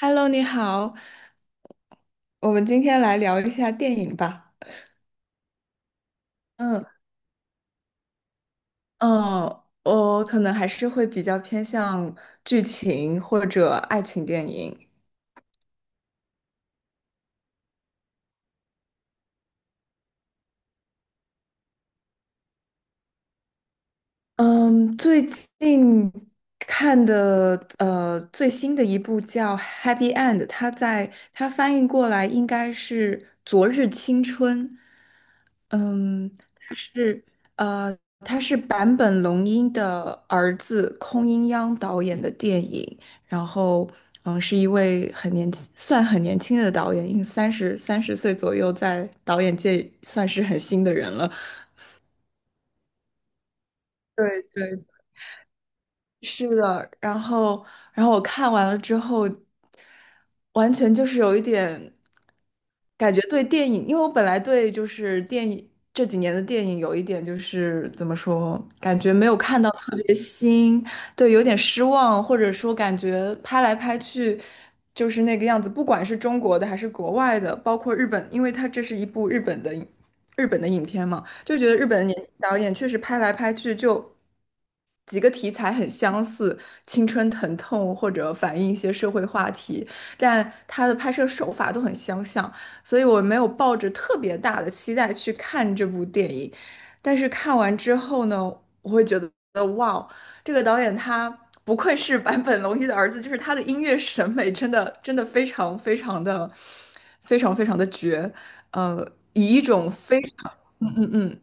Hello，你好，我们今天来聊一下电影吧。嗯嗯，我可能还是会比较偏向剧情或者爱情电影。嗯，最近看的最新的一部叫《Happy End》，它翻译过来应该是《昨日青春》。嗯，它是呃，它是坂本龙一的儿子空音央导演的电影，然后是一位很年轻，算很年轻的导演，应三十三十岁左右，在导演界算是很新的人了。对对，是的，然后我看完了之后，完全就是有一点感觉对电影，因为我本来对就是电影这几年的电影有一点就是怎么说，感觉没有看到特别新，对，有点失望，或者说感觉拍来拍去就是那个样子，不管是中国的还是国外的，包括日本，因为它这是一部日本的影片嘛，就觉得日本的年轻导演确实拍来拍去就。几个题材很相似，青春疼痛或者反映一些社会话题，但它的拍摄手法都很相像，所以我没有抱着特别大的期待去看这部电影。但是看完之后呢，我会觉得哇哦，这个导演他不愧是坂本龙一的儿子，就是他的音乐审美真的真的非常非常的绝，呃，以一种非常嗯嗯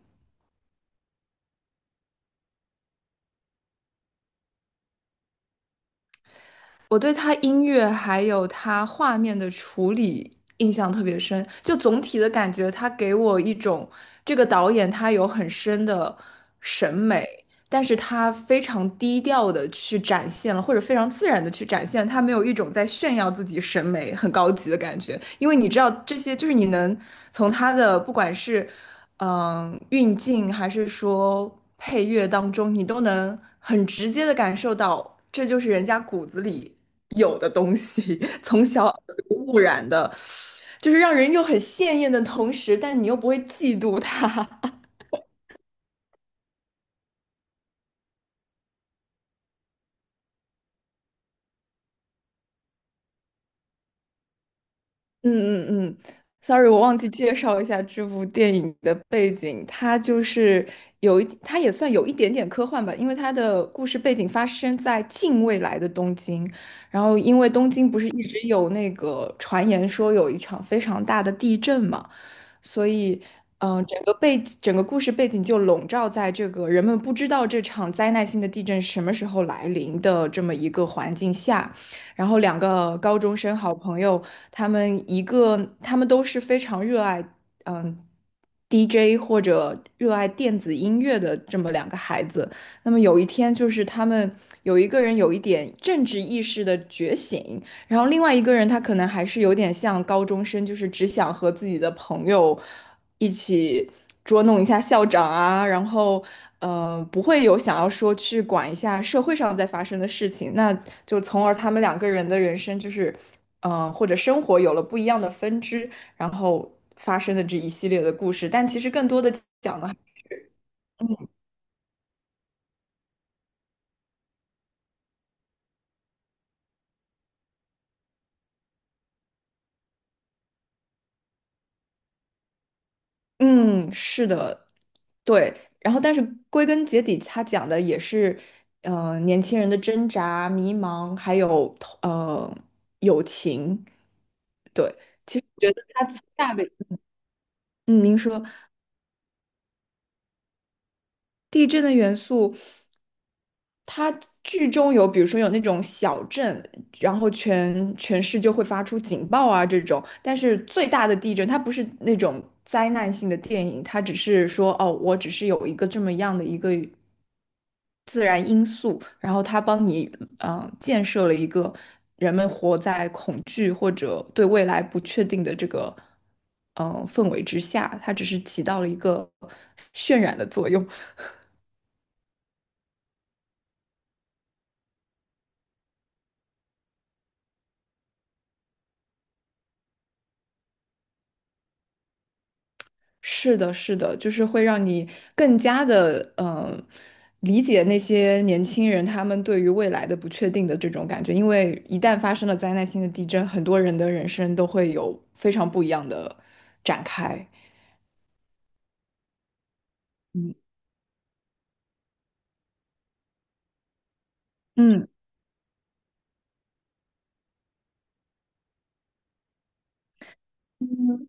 我对他音乐还有他画面的处理印象特别深，就总体的感觉，他给我一种这个导演他有很深的审美，但是他非常低调的去展现了，或者非常自然的去展现，他没有一种在炫耀自己审美很高级的感觉，因为你知道这些，就是你能从他的不管是运镜还是说配乐当中，你都能很直接的感受到，这就是人家骨子里有的东西，从小耳濡目染的，就是让人又很鲜艳的同时，但你又不会嫉妒他。嗯嗯嗯，sorry，我忘记介绍一下这部电影的背景。它也算有一点点科幻吧，因为它的故事背景发生在近未来的东京。然后，因为东京不是一直有那个传言说有一场非常大的地震嘛，所以，整个故事背景就笼罩在这个人们不知道这场灾难性的地震什么时候来临的这么一个环境下。然后，两个高中生好朋友，他们都是非常热爱嗯 DJ 或者热爱电子音乐的这么两个孩子。那么有一天，就是他们有一个人有一点政治意识的觉醒，然后另外一个人他可能还是有点像高中生，就是只想和自己的朋友一起捉弄一下校长啊，然后不会有想要说去管一下社会上在发生的事情，那就从而他们两个人的人生就是或者生活有了不一样的分支，然后发生的这一系列的故事，但其实更多的讲的，嗯，是的。对，然后但是归根结底，他讲的也是，年轻人的挣扎、迷茫，还有呃友情。对，觉得它最大的。您说地震的元素，它剧中有，比如说有那种小震，然后全市就会发出警报啊这种，但是最大的地震，它不是那种灾难性的电影，它只是说哦，我只是有一个这么样的一个。自然因素，然后它帮你建设了一个人们活在恐惧或者对未来不确定的这个氛围之下，它只是起到了一个渲染的作用。是的，是的，就是会让你更加的理解那些年轻人他们对于未来的不确定的这种感觉，因为一旦发生了灾难性的地震，很多人的人生都会有非常不一样的展开。嗯嗯。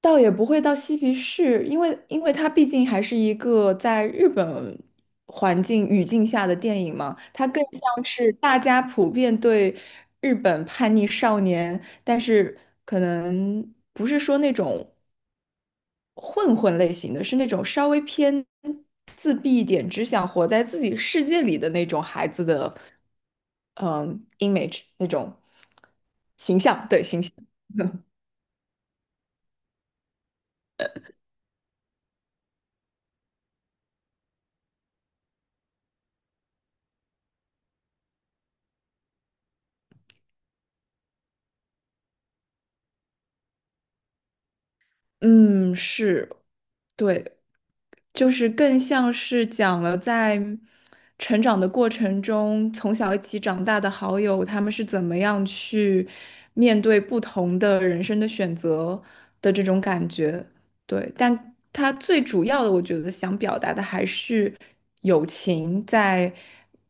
倒也不会到嬉皮士，因为它毕竟还是一个在日本环境语境下的电影嘛，它更像是大家普遍对日本叛逆少年，但是可能不是说那种混混类型的，是那种稍微偏自闭一点，只想活在自己世界里的那种孩子的，嗯，image 那种形象，对，形象。嗯，是对，就是更像是讲了在成长的过程中，从小一起长大的好友，他们是怎么样去面对不同的人生的选择的这种感觉。对，但他最主要的，我觉得想表达的还是友情在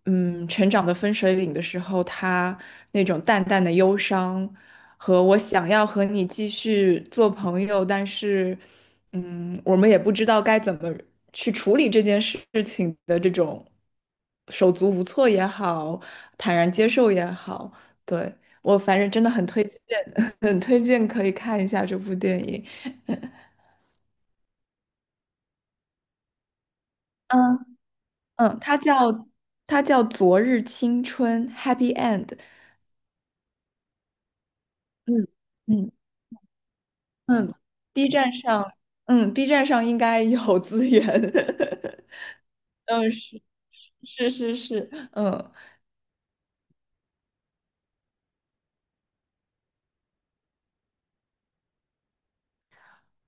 成长的分水岭的时候，他那种淡淡的忧伤，和我想要和你继续做朋友，但是，我们也不知道该怎么去处理这件事情的这种手足无措也好，坦然接受也好，对，我反正真的很推荐，很推荐可以看一下这部电影。嗯嗯，它叫它叫《昨日青春》（Happy End）。嗯嗯嗯，B 站上，，B 站上应该有资源。嗯，是是是，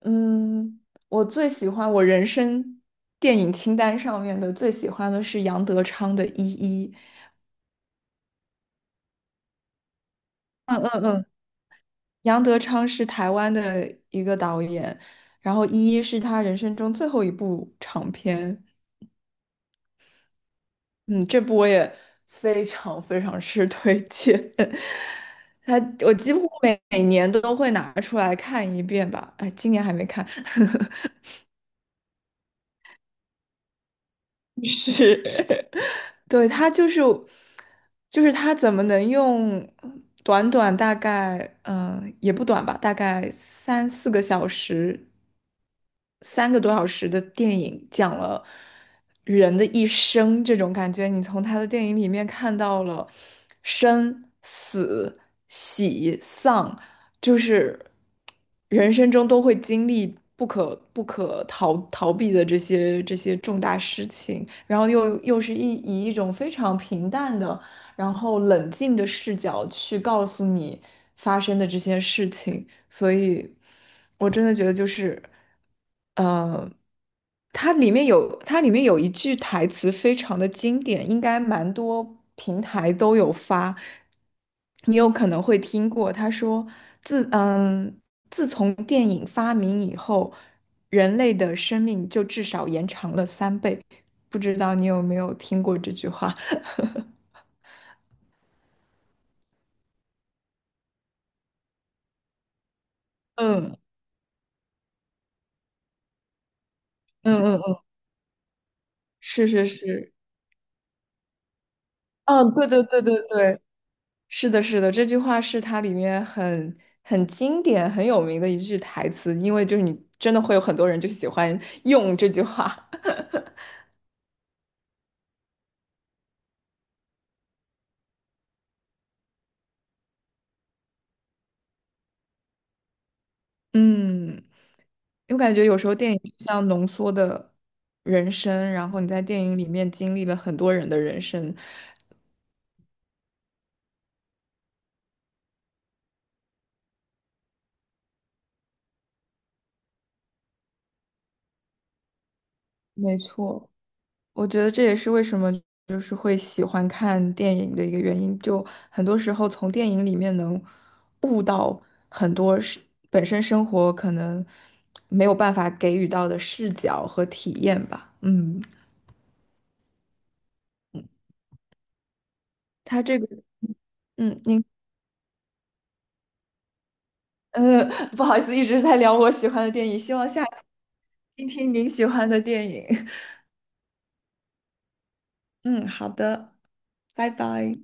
嗯，我最喜欢我人生电影清单上面的最喜欢的是杨德昌的《一一》。嗯嗯嗯，杨德昌是台湾的一个导演，然后《一一》是他人生中最后一部长片。嗯，这部我也非常非常是推荐。他我几乎每年都会拿出来看一遍吧，哎，今年还没看。是，对，他就是，就是他怎么能用短短大概，也不短吧，大概三个多小时的电影，讲了人的一生这种感觉。你从他的电影里面看到了生、死、喜、丧，就是人生中都会经历不可逃避的这些重大事情，然后又以一种非常平淡的，然后冷静的视角去告诉你发生的这些事情。所以我真的觉得就是，呃，它里面有一句台词非常的经典，应该蛮多平台都有发，你有可能会听过。他说：“自嗯，自从电影发明以后，人类的生命就至少延长了3倍。"不知道你有没有听过这句话？嗯嗯嗯嗯，是是是，嗯，对对对对对，是的，是的，这句话是它里面很经典、很有名的一句台词，因为就是你真的会有很多人就喜欢 用这句话。嗯，我感觉有时候电影就像浓缩的人生，然后你在电影里面经历了很多人的人生。没错。我觉得这也是为什么就是会喜欢看电影的一个原因，就很多时候从电影里面能悟到很多是本身生活可能没有办法给予到的视角和体验吧。嗯，他这个，嗯，您，呃，不好意思，一直在聊我喜欢的电影，希望下次听听您喜欢的电影。嗯，好的，拜拜。